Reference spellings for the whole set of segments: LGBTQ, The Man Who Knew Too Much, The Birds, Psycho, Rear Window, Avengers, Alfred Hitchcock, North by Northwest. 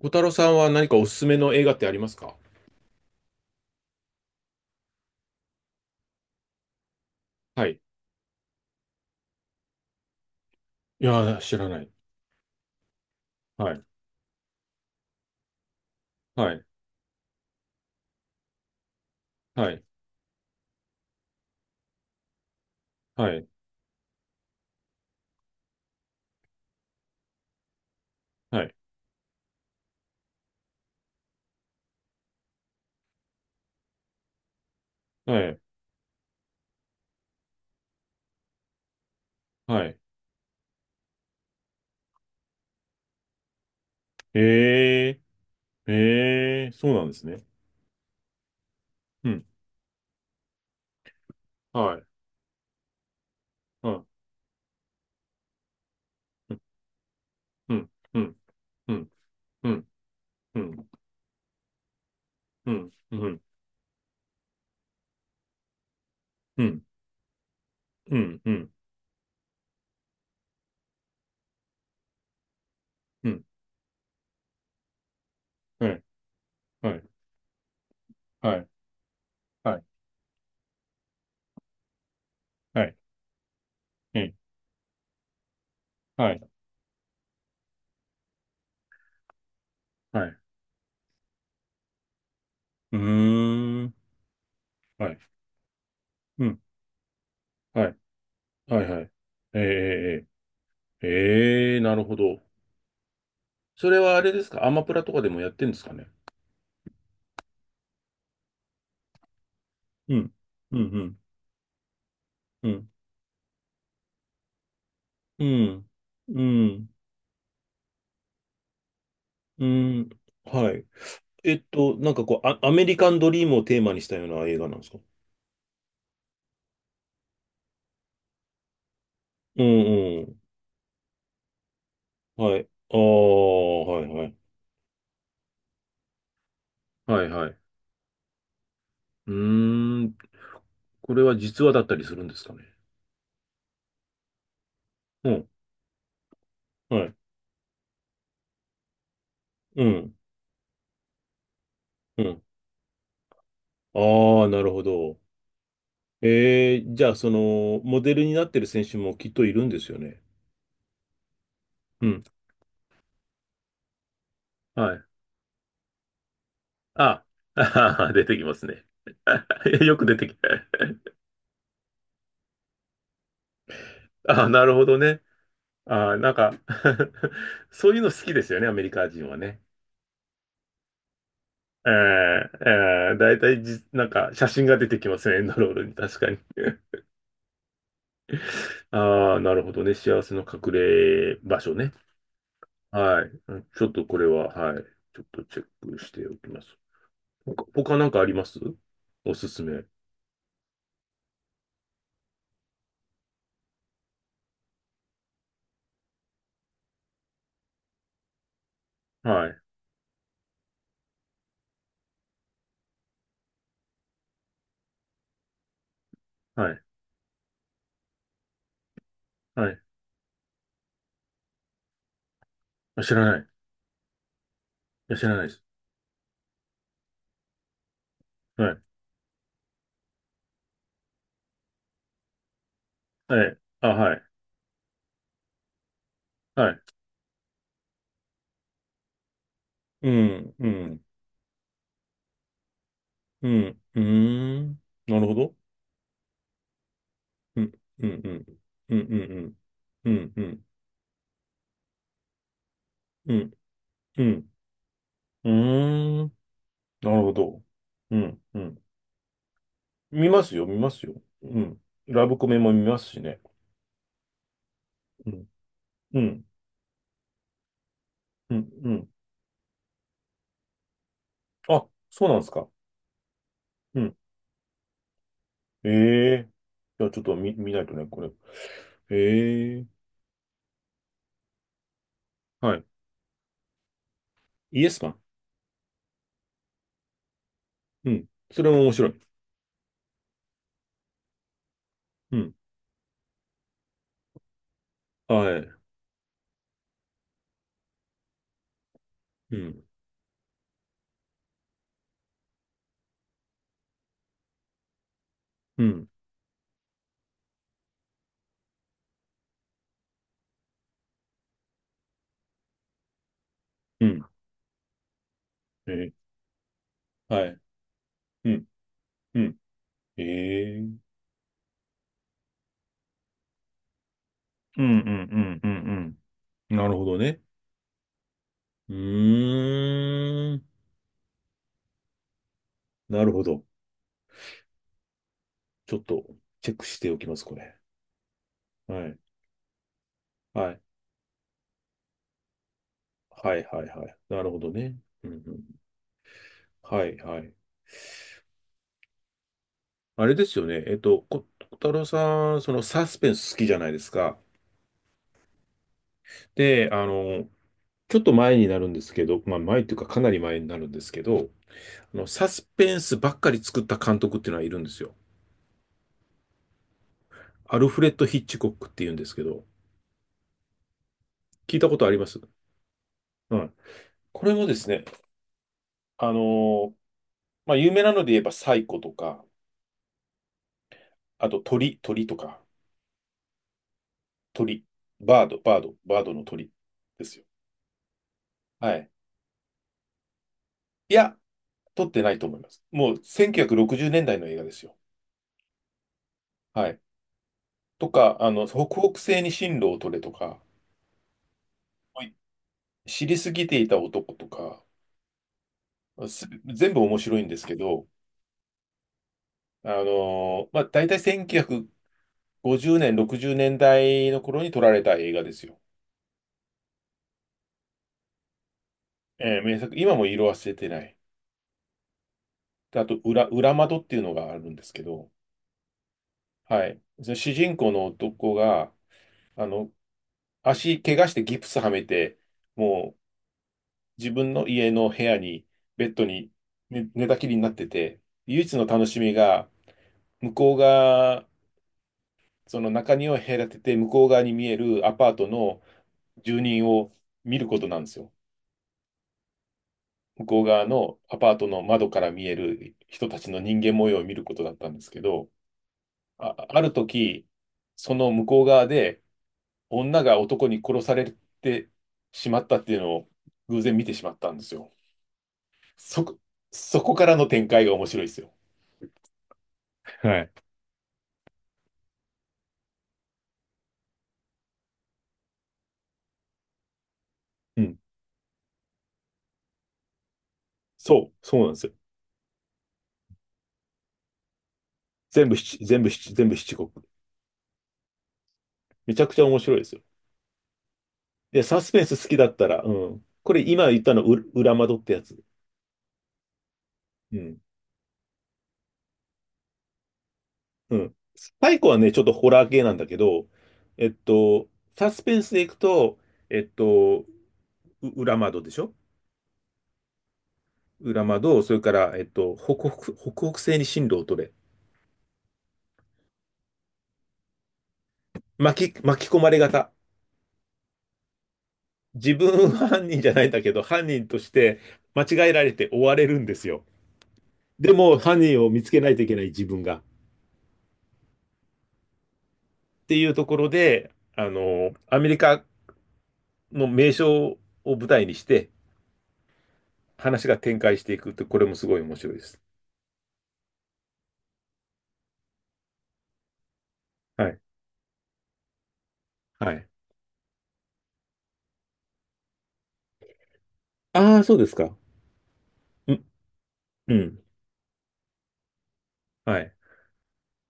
小太郎さんは何かおすすめの映画ってありますか？はい。いやー、知らない。はい。はい。はい。はい。はい。はい。はい。えー。えー。そうなんですね。うん。はい。うん。うん。うん。うん。うん。うん。うん。うん。うん。うん。うん。うん。はい。はい。はい。はい。はい。はい。はい。うーん。はい。うん。はい。はい。はい。えー。えー、えー、なるほど。それはあれですかアマプラとかでもやってんですかね？うん、うん、うん、うん、うん、うん、うん、はい。なんかこう、アメリカンドリームをテーマにしたような映画なんですか？うんうん。はい。ああ、はいはい。はいはい。うーん。これは実話だったりするんですかね？うん、はい。うん、うん。ああ、なるほど。えー、じゃあ、その、モデルになってる選手もきっといるんですよね。うん。はい。あ、あー出てきますね。よく出てきた。あ、なるほどね。あ、なんか そういうの好きですよね、アメリカ人はね。えー、えー、大体じ、なんか写真が出てきますね、エンドロールに、確かに。ああ、なるほどね。幸せの隠れ場所ね。はい。ちょっとこれは、はい。ちょっとチェックしておきます。他なんかあります？おすすめ。はい。はい。はい。あ知らない。いや、知らないです。はい。はい。あ、はい。はい。うん、うん、うん、うーん。なるほど。うん、うん、うん、うん、うん、うん、うん、うん、うん、うん、うーん。なるほど。うん、うん。見ますよ、見ますよ。うん。ラブコメも見ますしね。うん、うん、うん、うん。あ、そうなんですか。うん。ええ、じゃあちょっと見ないとね、これ。ええ、はい。イエスマン。うん。それも面白い。うん。はい。うん、うん、うん。ええ、はい。うん、うん。ええ、うん、うん、うん、うん、なるほどね。うーん。なるほど。ちょっとチェックしておきます、これ。はい。はい。はい、はい、はい。なるほどね。うんうん、はい、はい。あれですよね。小太郎さん、そのサスペンス好きじゃないですか？で、ちょっと前になるんですけど、まあ前というかかなり前になるんですけど、サスペンスばっかり作った監督っていうのはいるんですよ。アルフレッド・ヒッチコックっていうんですけど、聞いたことあります？はい。これもですね、あのーまあ、有名なので言えばサイコとか、あと鳥とか、鳥、バードの鳥ですよ。はい。いや、撮ってないと思います。もう1960年代の映画ですよ。はい。とか、北北西に進路を取れとか、はい。知りすぎていた男とか、全部面白いんですけど、まあ、大体1950年、60年代の頃に撮られた映画ですよ。名作、今も色褪せてない。であと裏窓っていうのがあるんですけど、はい。その主人公の男が、あの、足怪我してギプスはめて、もう自分の家の部屋に、ベッドに寝たきりになってて、唯一の楽しみが、向こう側、その中庭を隔てて、向こう側に見えるアパートの住人を見ることなんですよ。向こう側のアパートの窓から見える人たちの人間模様を見ることだったんですけど、ある時、その向こう側で、女が男に殺されてしまったっていうのを偶然見てしまったんですよ。そこ、そこからの展開が面白いですよ。はい。うん。そうなんですよ。全部七、全部七、全部七国。めちゃくちゃ面白いですよ。で、サスペンス好きだったら、うん。これ今言ったの、裏窓ってやつ。うん。うん。最後はね、ちょっとホラー系なんだけど、サスペンスでいくと、えっと、裏窓でしょ？裏窓、それから、北北西に進路を取れ。巻き込まれ型。自分は犯人じゃないんだけど、犯人として間違えられて追われるんですよ。でも、犯人を見つけないといけない自分が。っていうところで、アメリカの名所を舞台にして、話が展開していくって、これもすごい面白いです。はい。はい。ああ、そうですか。うん、うん。はい。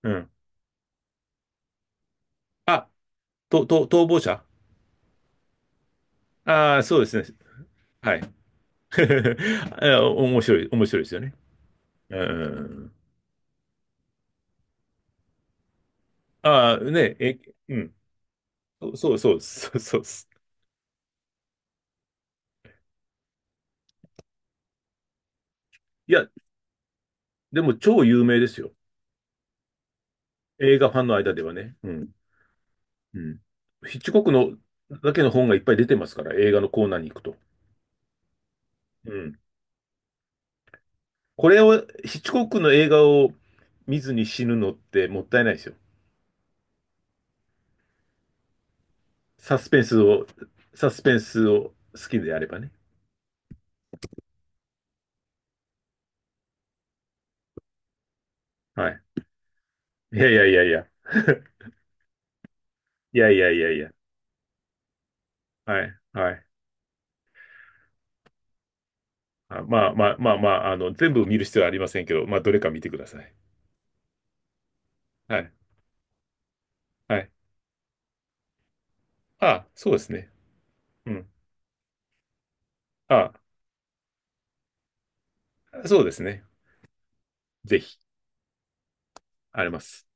うん。あ、と、逃亡者。ああー、そうですね。はい。あ面白いですよね。うん。ああ、ね、え、うん。そうそうそうです。そうそうです。いや、でも超有名ですよ。映画ファンの間ではね。うん。うん。ヒッチコックのだけの本がいっぱい出てますから、映画のコーナーに行くと。うん。これを、ヒッチコックの映画を見ずに死ぬのってもったいないですよ。サスペンスを、サスペンスを好きであればね。はい。いやいやいやいや。いやいやいやいや。はい。はい。あ、まあまあまあまあ、全部見る必要はありませんけど、まあ、どれか見てください。はい。はい。あ、そうですね。うん。あ、そうですね。ぜひ、あります。